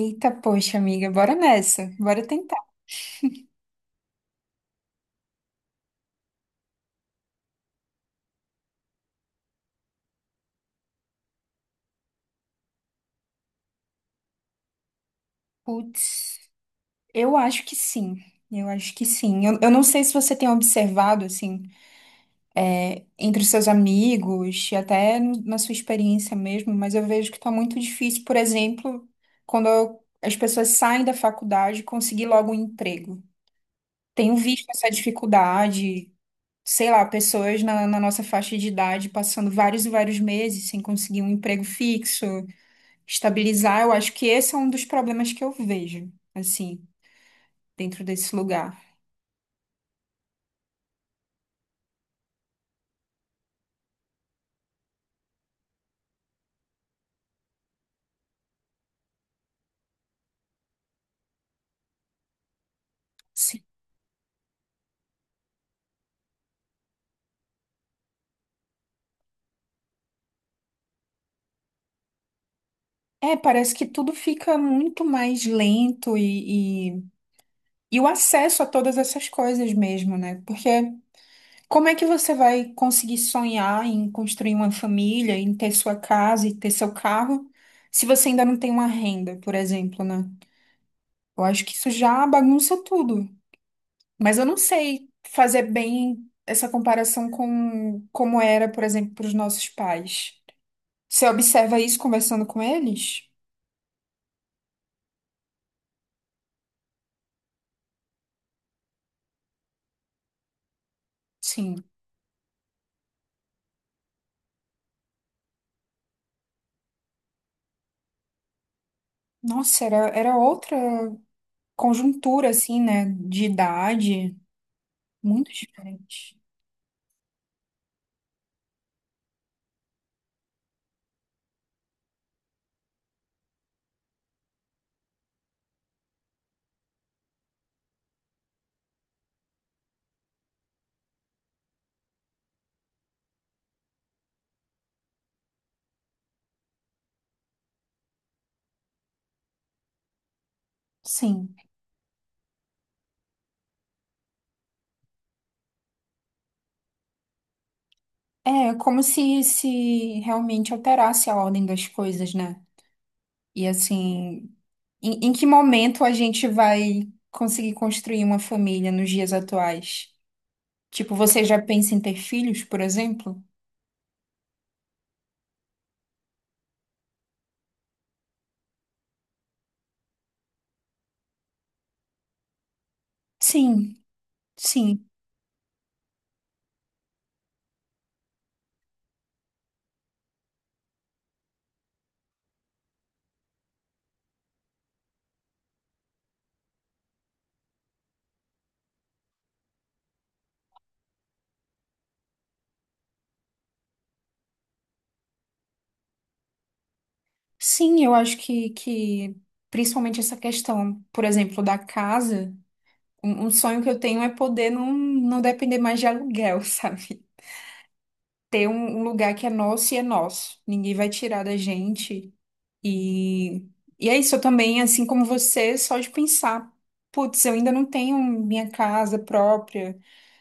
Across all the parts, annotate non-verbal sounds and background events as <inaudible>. Eita, poxa, amiga, bora nessa. Bora tentar. Putz, eu acho que sim. Eu acho que sim. Eu não sei se você tem observado, assim, entre os seus amigos, e até na sua experiência mesmo, mas eu vejo que tá muito difícil, por exemplo, quando as pessoas saem da faculdade, conseguir logo um emprego. Tenho visto essa dificuldade, sei lá, pessoas na nossa faixa de idade passando vários e vários meses sem conseguir um emprego fixo. Estabilizar. Eu acho que esse é um dos problemas que eu vejo, assim, dentro desse lugar. Sim. É, parece que tudo fica muito mais lento e o acesso a todas essas coisas mesmo, né? Porque como é que você vai conseguir sonhar em construir uma família, em ter sua casa e ter seu carro, se você ainda não tem uma renda, por exemplo, né? Eu acho que isso já bagunça tudo. Mas eu não sei fazer bem essa comparação com como era, por exemplo, para os nossos pais. Você observa isso conversando com eles? Sim. Nossa, era, era outra conjuntura, assim, né? De idade, muito diferente. Sim. É como se realmente alterasse a ordem das coisas, né? E assim, em que momento a gente vai conseguir construir uma família nos dias atuais? Tipo, você já pensa em ter filhos, por exemplo? Sim, sim. Sim, eu acho que principalmente essa questão, por exemplo, da casa, um sonho que eu tenho é poder não depender mais de aluguel, <laughs> sabe? Ter um lugar que é nosso e é nosso. Ninguém vai tirar da gente. E, e é isso, eu também, assim como você, só de pensar, putz, eu ainda não tenho minha casa própria,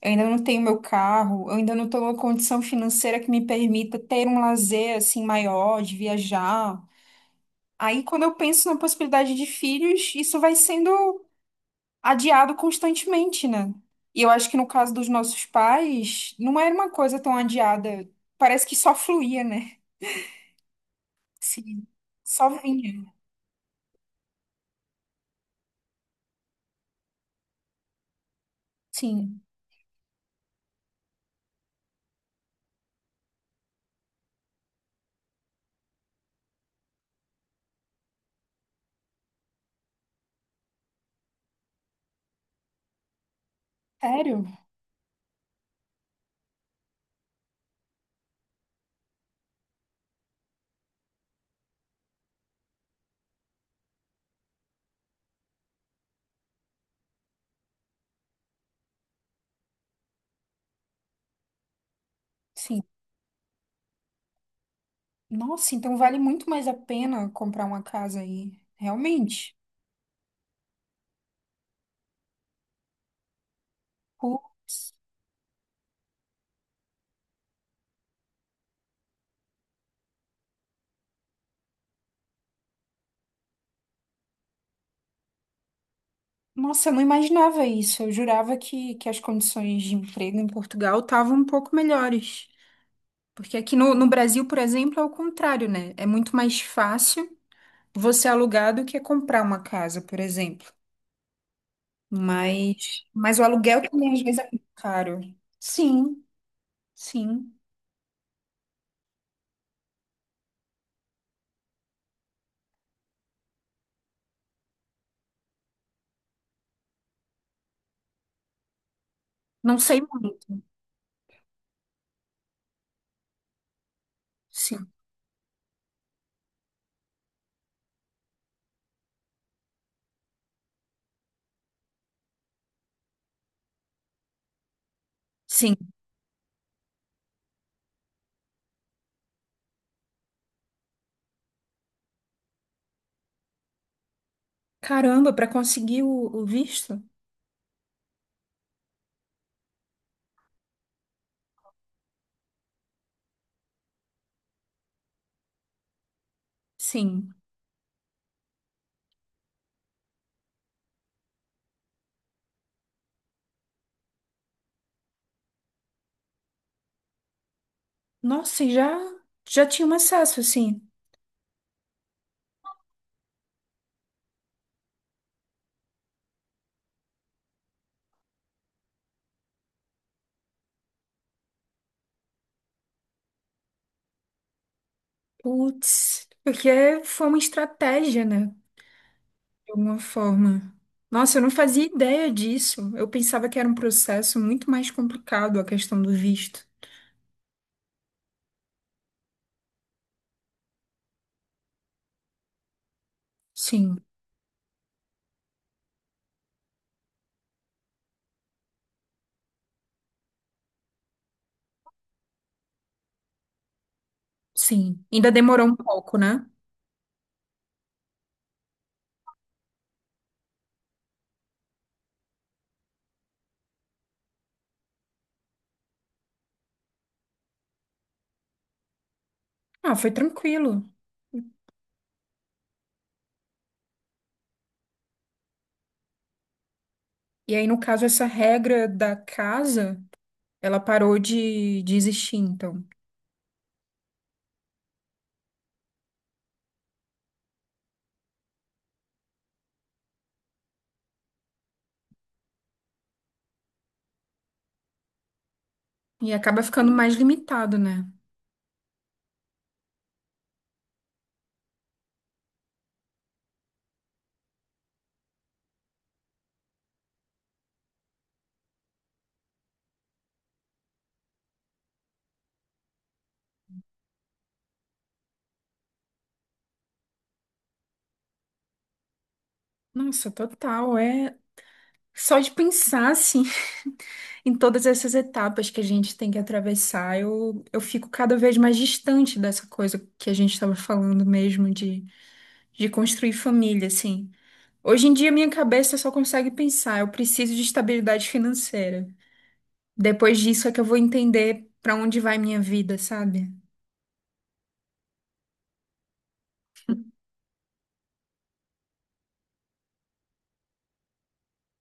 eu ainda não tenho meu carro, eu ainda não estou numa condição financeira que me permita ter um lazer assim maior, de viajar. Aí, quando eu penso na possibilidade de filhos, isso vai sendo adiado constantemente, né? E eu acho que no caso dos nossos pais, não era uma coisa tão adiada. Parece que só fluía, né? Sim. Só vinha. Sim. Sério? Sim. Nossa, então vale muito mais a pena comprar uma casa aí. Realmente. Putz. Nossa, eu não imaginava isso. Eu jurava que as condições de emprego em Portugal estavam um pouco melhores. Porque aqui no Brasil, por exemplo, é o contrário, né? É muito mais fácil você alugar do que comprar uma casa, por exemplo. Mas o aluguel também às vezes é muito caro. Sim, sim. Não sei muito. Sim, sim. Caramba, para conseguir o visto? Sim. Nossa, e já, já tinha um acesso, assim. Putz, porque foi uma estratégia, né? De alguma forma. Nossa, eu não fazia ideia disso. Eu pensava que era um processo muito mais complicado a questão do visto. Sim, sim. Ainda demorou um pouco, né? Ah, foi tranquilo. E aí, no caso, essa regra da casa, ela parou de existir, então. E acaba ficando mais limitado, né? Nossa, total. É só de pensar, assim, <laughs> em todas essas etapas que a gente tem que atravessar, eu fico cada vez mais distante dessa coisa que a gente estava falando mesmo de construir família, assim. Hoje em dia, minha cabeça só consegue pensar, eu preciso de estabilidade financeira. Depois disso é que eu vou entender pra onde vai minha vida, sabe?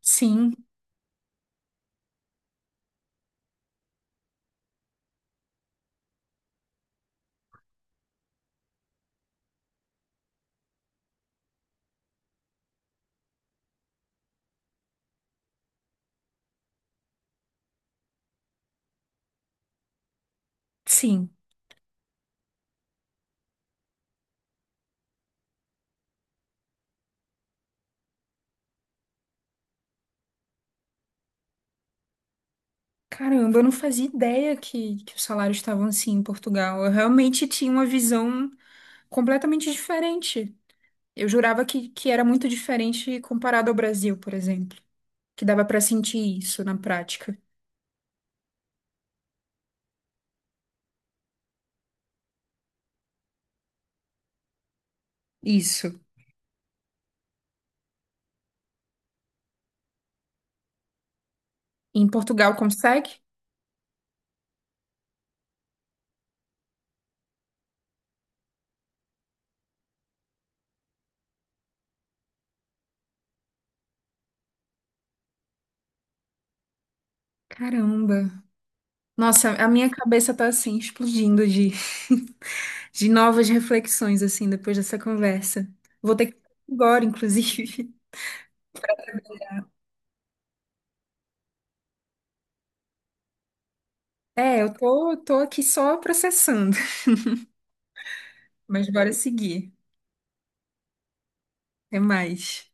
Sim, sim. Caramba, eu não fazia ideia que os salários estavam assim em Portugal. Eu realmente tinha uma visão completamente diferente. Eu jurava que era muito diferente comparado ao Brasil, por exemplo. Que dava pra sentir isso na prática. Isso. E em Portugal consegue? Caramba. Nossa, a minha cabeça tá assim, explodindo de, <laughs> de novas reflexões, assim, depois dessa conversa. Vou ter que ir agora, inclusive. <laughs> É, eu tô aqui só processando, mas bora seguir. Até mais.